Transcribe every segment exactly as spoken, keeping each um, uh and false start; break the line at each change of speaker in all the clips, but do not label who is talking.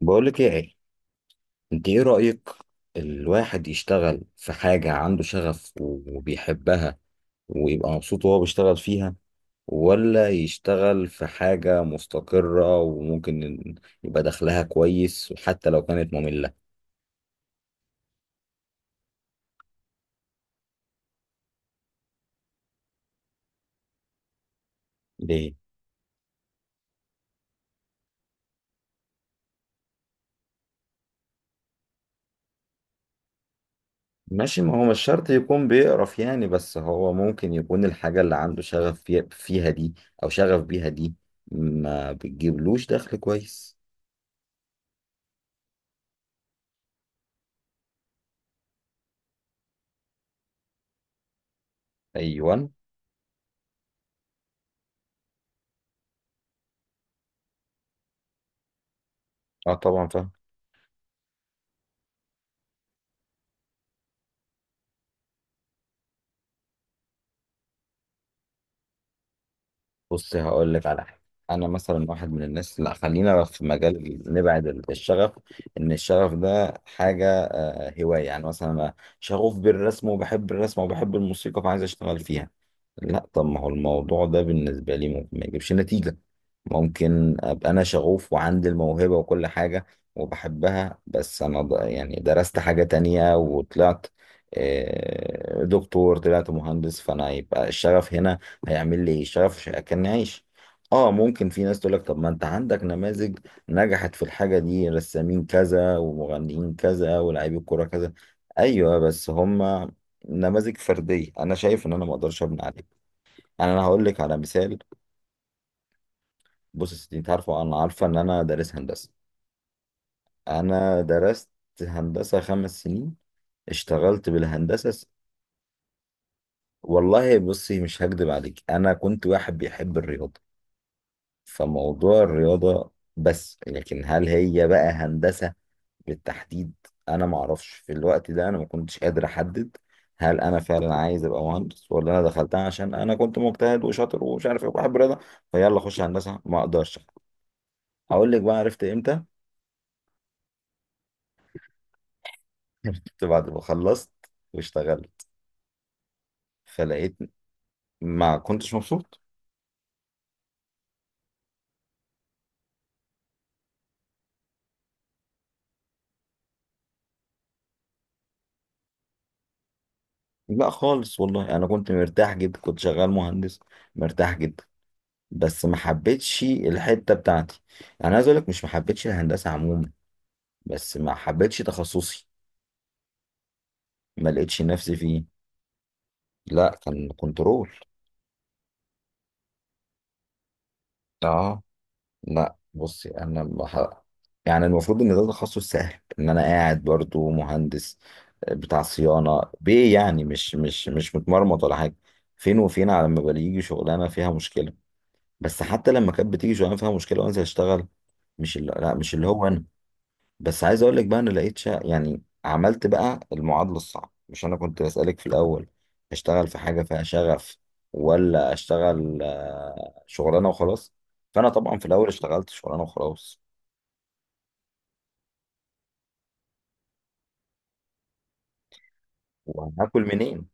بقولك ايه يا علي، انت ايه رأيك؟ الواحد يشتغل في حاجة عنده شغف وبيحبها ويبقى مبسوط وهو بيشتغل فيها، ولا يشتغل في حاجة مستقرة وممكن إن يبقى دخلها كويس وحتى لو كانت مملة؟ ليه؟ ماشي، ما هو مش شرط يكون بيقرف يعني، بس هو ممكن يكون الحاجة اللي عنده شغف في- فيها دي أو شغف بيها دي ما بتجيبلوش دخل كويس. أيوة. اه طبعا فاهم. بص هقول لك على حاجه. انا مثلا واحد من الناس، لا خلينا في مجال ال- نبعد ال- الشغف، ان الشغف ده حاجه هواية. يعني مثلا أنا شغوف بالرسم وبحب الرسم وبحب الموسيقى فعايز أشتغل فيها. لا طب ما هو الموضوع ده بالنسبة لي ممكن ما يجيبش نتيجة. ممكن أبقى أنا شغوف وعندي الموهبة وكل حاجة وبحبها، بس أنا ض- يعني درست حاجة تانية وطلعت آه، دكتور، طلعت مهندس، فأنا يبقى الشغف هنا هيعمل لي إيه؟ الشغف مش هياكلني عيش. اه ممكن في ناس تقول لك طب ما انت عندك نماذج نجحت في الحاجة دي، رسامين كذا ومغنيين كذا ولاعيبي كورة كذا. أيوة بس هما نماذج فردية، أنا شايف إن أنا مقدرش أبني عليه. يعني أنا هقول لك على مثال. بص يا ستي، أنت عارفة أنا عارفة إن أنا دارس هندسة. أنا درست هندسة خمس سنين، اشتغلت بالهندسة س- والله بصي مش هكدب عليك، أنا كنت واحد بيحب الرياضة فموضوع الرياضة بس، لكن هل هي بقى هندسة بالتحديد؟ انا ما اعرفش في الوقت ده، انا ما كنتش قادر احدد هل انا فعلا عايز ابقى مهندس ولا انا دخلتها عشان انا كنت مجتهد وشاطر ومش عارف ايه وبحب الرياضه، فيلا اخش هندسه ما اقدرش. اقول لك بقى عرفت امتى؟ عرفت بعد ما خلصت واشتغلت، فلقيت ما كنتش مبسوط. لا خالص والله انا كنت مرتاح جدا، كنت شغال مهندس مرتاح جدا، بس ما حبيتش الحته بتاعتي. انا عايز اقول لك مش ما حبيتش الهندسه عموما، بس ما حبيتش تخصصي، ما لقيتش نفسي فيه. لا كان كنترول. اه. لا بصي انا بح... يعني المفروض ان ده تخصص سهل، ان انا قاعد برضو مهندس آه، بتاع صيانه بيه، يعني مش مش مش متمرمط ولا حاجه، فين وفين على ما بيجي شغلانه فيها مشكله. بس حتى لما كانت بتيجي شغلانه فيها مشكله وانزل اشتغل، مش اللي... لا مش اللي هو انا. بس عايز اقول لك بقى انا لقيت شا... يعني عملت بقى المعادله الصعبه. مش انا كنت بسالك في الاول اشتغل في حاجه فيها شغف ولا اشتغل آه، شغلانه وخلاص؟ فانا طبعا في الاول اشتغلت شغلانه وخلاص. وهاكل منين؟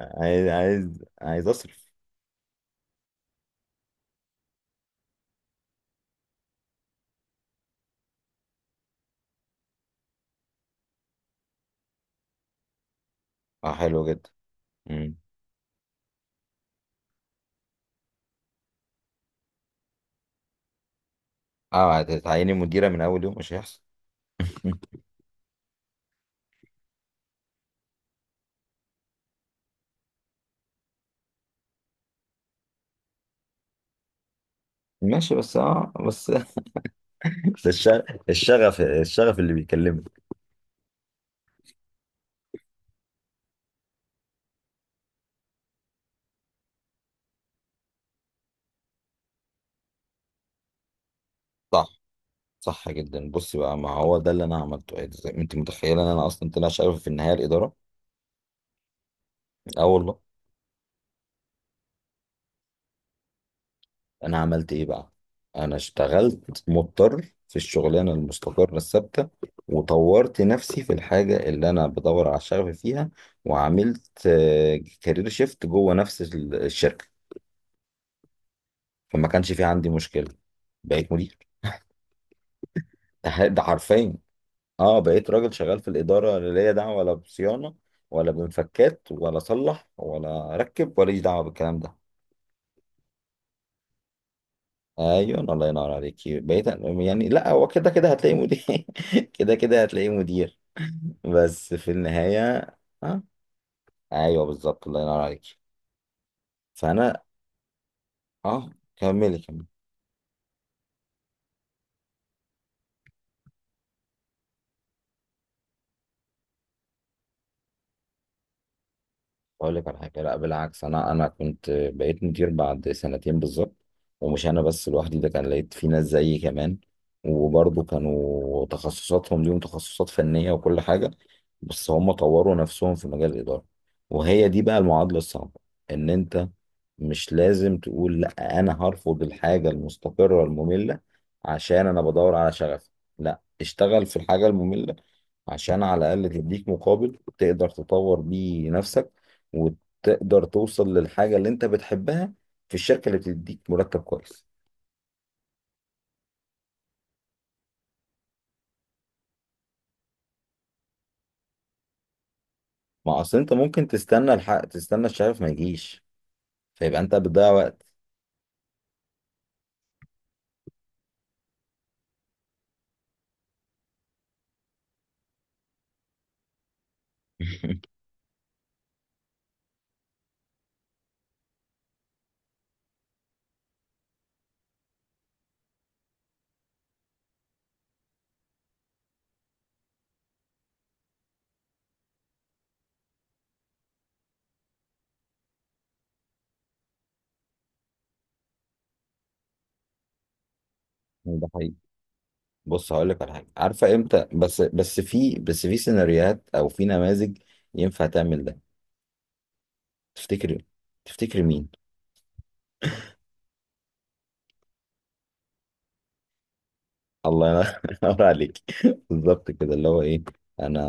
عايز عايز عايز اصرف. اه حلو جدا. امم. اه هتعيني مديره من اول يوم؟ مش هيحصل. مم. ماشي بس اه بس بس الش- الشغف الشغف اللي بيكلمني. صح. صح جدا، بص بقى ما هو ده اللي انا عملته. إيه زي ما انت متخيله ان انا اصلا طلع شغال في النهايه الاداره. اه والله. انا عملت ايه بقى؟ انا اشتغلت مضطر في الشغلانه المستقره الثابته، وطورت نفسي في الحاجه اللي انا بدور على الشغف فيها، وعملت كارير شيفت جوه نفس ال- الشركه، فما كانش في عندي مشكله. بقيت مدير. ده ده حرفيا، اه بقيت راجل شغال في الاداره، اللي ليا دعوه ولا بصيانه ولا بمفكات ولا صلح ولا ركب ولا دعوه بالكلام ده. ايوه الله ينور عليك، بقيت. يعني لا هو كده كده هتلاقي مدير. كده كده هتلاقي مدير بس في النهايه. اه. ايوه بالظبط الله ينور عليك. فانا اه. كملي كملي. اقول لك على حاجه، لا بالعكس انا انا كنت بقيت مدير بعد سنتين بالظبط، ومش انا بس لوحدي، ده كان لقيت في ناس زيي كمان، وبرضه كانوا تخصصاتهم ليهم تخصصات فنيه وكل حاجه، بس هم طوروا نفسهم في مجال الاداره. وهي دي بقى المعادله الصعبه، ان انت مش لازم تقول لا انا هرفض الحاجه المستقره الممله عشان انا بدور على شغف. لا اشتغل في الحاجه الممله عشان على الأقل تديك مقابل تقدر تطور بيه نفسك، وتقدر توصل للحاجة اللي أنت بتحبها في الشركة اللي بتديك مرتب كويس. ما أصل أنت ممكن تستنى الحق، تستنى الشغف ما يجيش، فيبقى أنت بتضيع وقت. ده حقيقي. بص هقول لك على حاجة، عارفة إمتى بس بس في بس في سيناريوهات أو في نماذج ينفع تعمل ده؟ تفتكر تفتكر مين؟ الله ينور عليك. بالظبط كده، اللي هو ايه، انا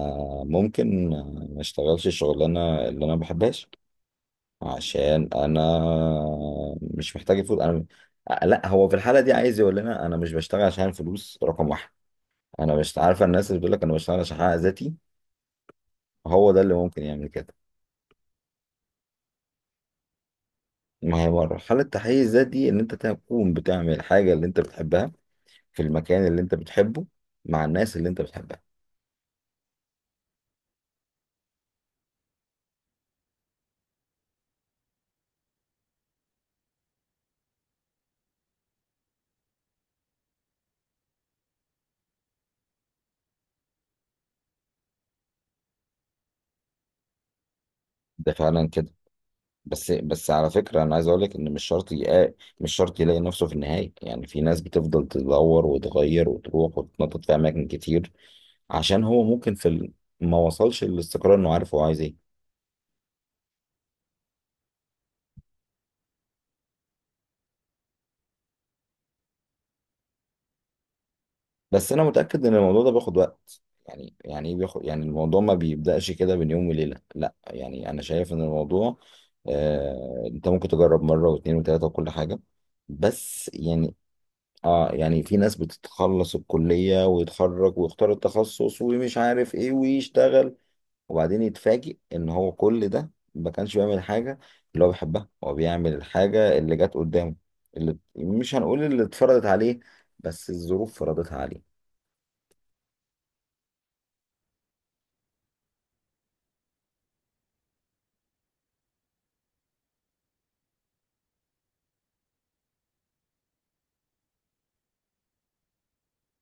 ممكن ما اشتغلش الشغلانه اللي انا ما بحبهاش عشان انا مش محتاج فلوس انا. لا هو في الحاله دي عايز يقول لنا انا مش بشتغل عشان فلوس رقم واحد. انا مش عارفه، الناس اللي بتقول لك انا بشتغل عشان احقق ذاتي، هو ده اللي ممكن يعمل كده. ما هي مرحله تحقيق الذات دي ان انت تكون بتعمل الحاجه اللي انت بتحبها، في المكان اللي انت بتحبه، مع الناس اللي انت بتحبها. ده فعلا كده. بس بس على فكرة أنا عايز أقول لك إن مش شرط يلاقي. مش شرط يلاقي نفسه في النهاية، يعني في ناس بتفضل تدور وتغير وتروح وتتنطط في أماكن كتير، عشان هو ممكن في ال... ما وصلش للاستقرار إنه عارف هو عايز إيه. بس أنا متأكد إن الموضوع ده بياخد وقت. يعني يعني إيه بياخد، يعني الموضوع ما بيبدأش كده بين يوم وليلة، لا يعني أنا شايف إن الموضوع آه... أنت ممكن تجرب مرة واتنين وتلاتة وكل حاجة، بس يعني. اه يعني في ناس بتتخلص الكلية ويتخرج ويختار التخصص ومش عارف ايه ويشتغل، وبعدين يتفاجئ ان هو كل ده ما كانش بيعمل حاجة اللي هو بيحبها، هو بيعمل الحاجة اللي جت قدامه، اللي مش هنقول اللي اتفرضت عليه، بس الظروف فرضتها عليه.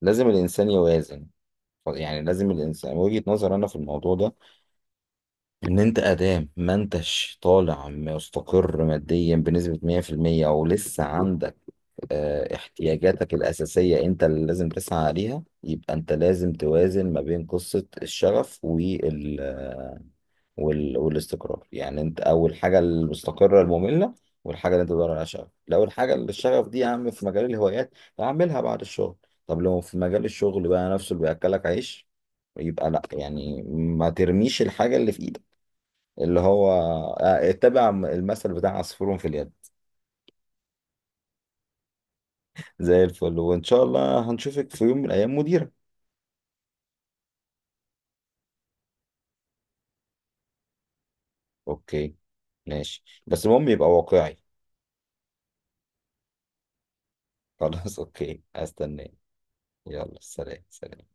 لازم الانسان يوازن، يعني لازم الانسان، وجهة نظر انا في الموضوع ده، ان انت ادام ما انتش طالع مستقر ماديا بنسبة مية في المية او لسه عندك آه، احتياجاتك الأساسية أنت اللي لازم تسعى عليها، يبقى أنت لازم توازن ما بين قصة الشغف وال... آه، وال... والاستقرار. يعني أنت أول حاجة المستقرة المملة، والحاجة اللي أنت بتدور عليها شغف، لو الحاجة اللي الشغف دي يا عم في مجال الهوايات أعملها بعد الشغل. طب لو في مجال الشغل بقى نفسه اللي بيأكلك عيش، يبقى لأ، يعني ما ترميش الحاجة اللي في إيدك اللي هو آه، اتبع المثل بتاع عصفور في اليد. زي الفل، وإن شاء الله هنشوفك في يوم من الأيام مدير. اوكي. ماشي بس المهم يبقى واقعي. خلاص اوكي هستناه. يلا سلام سلام.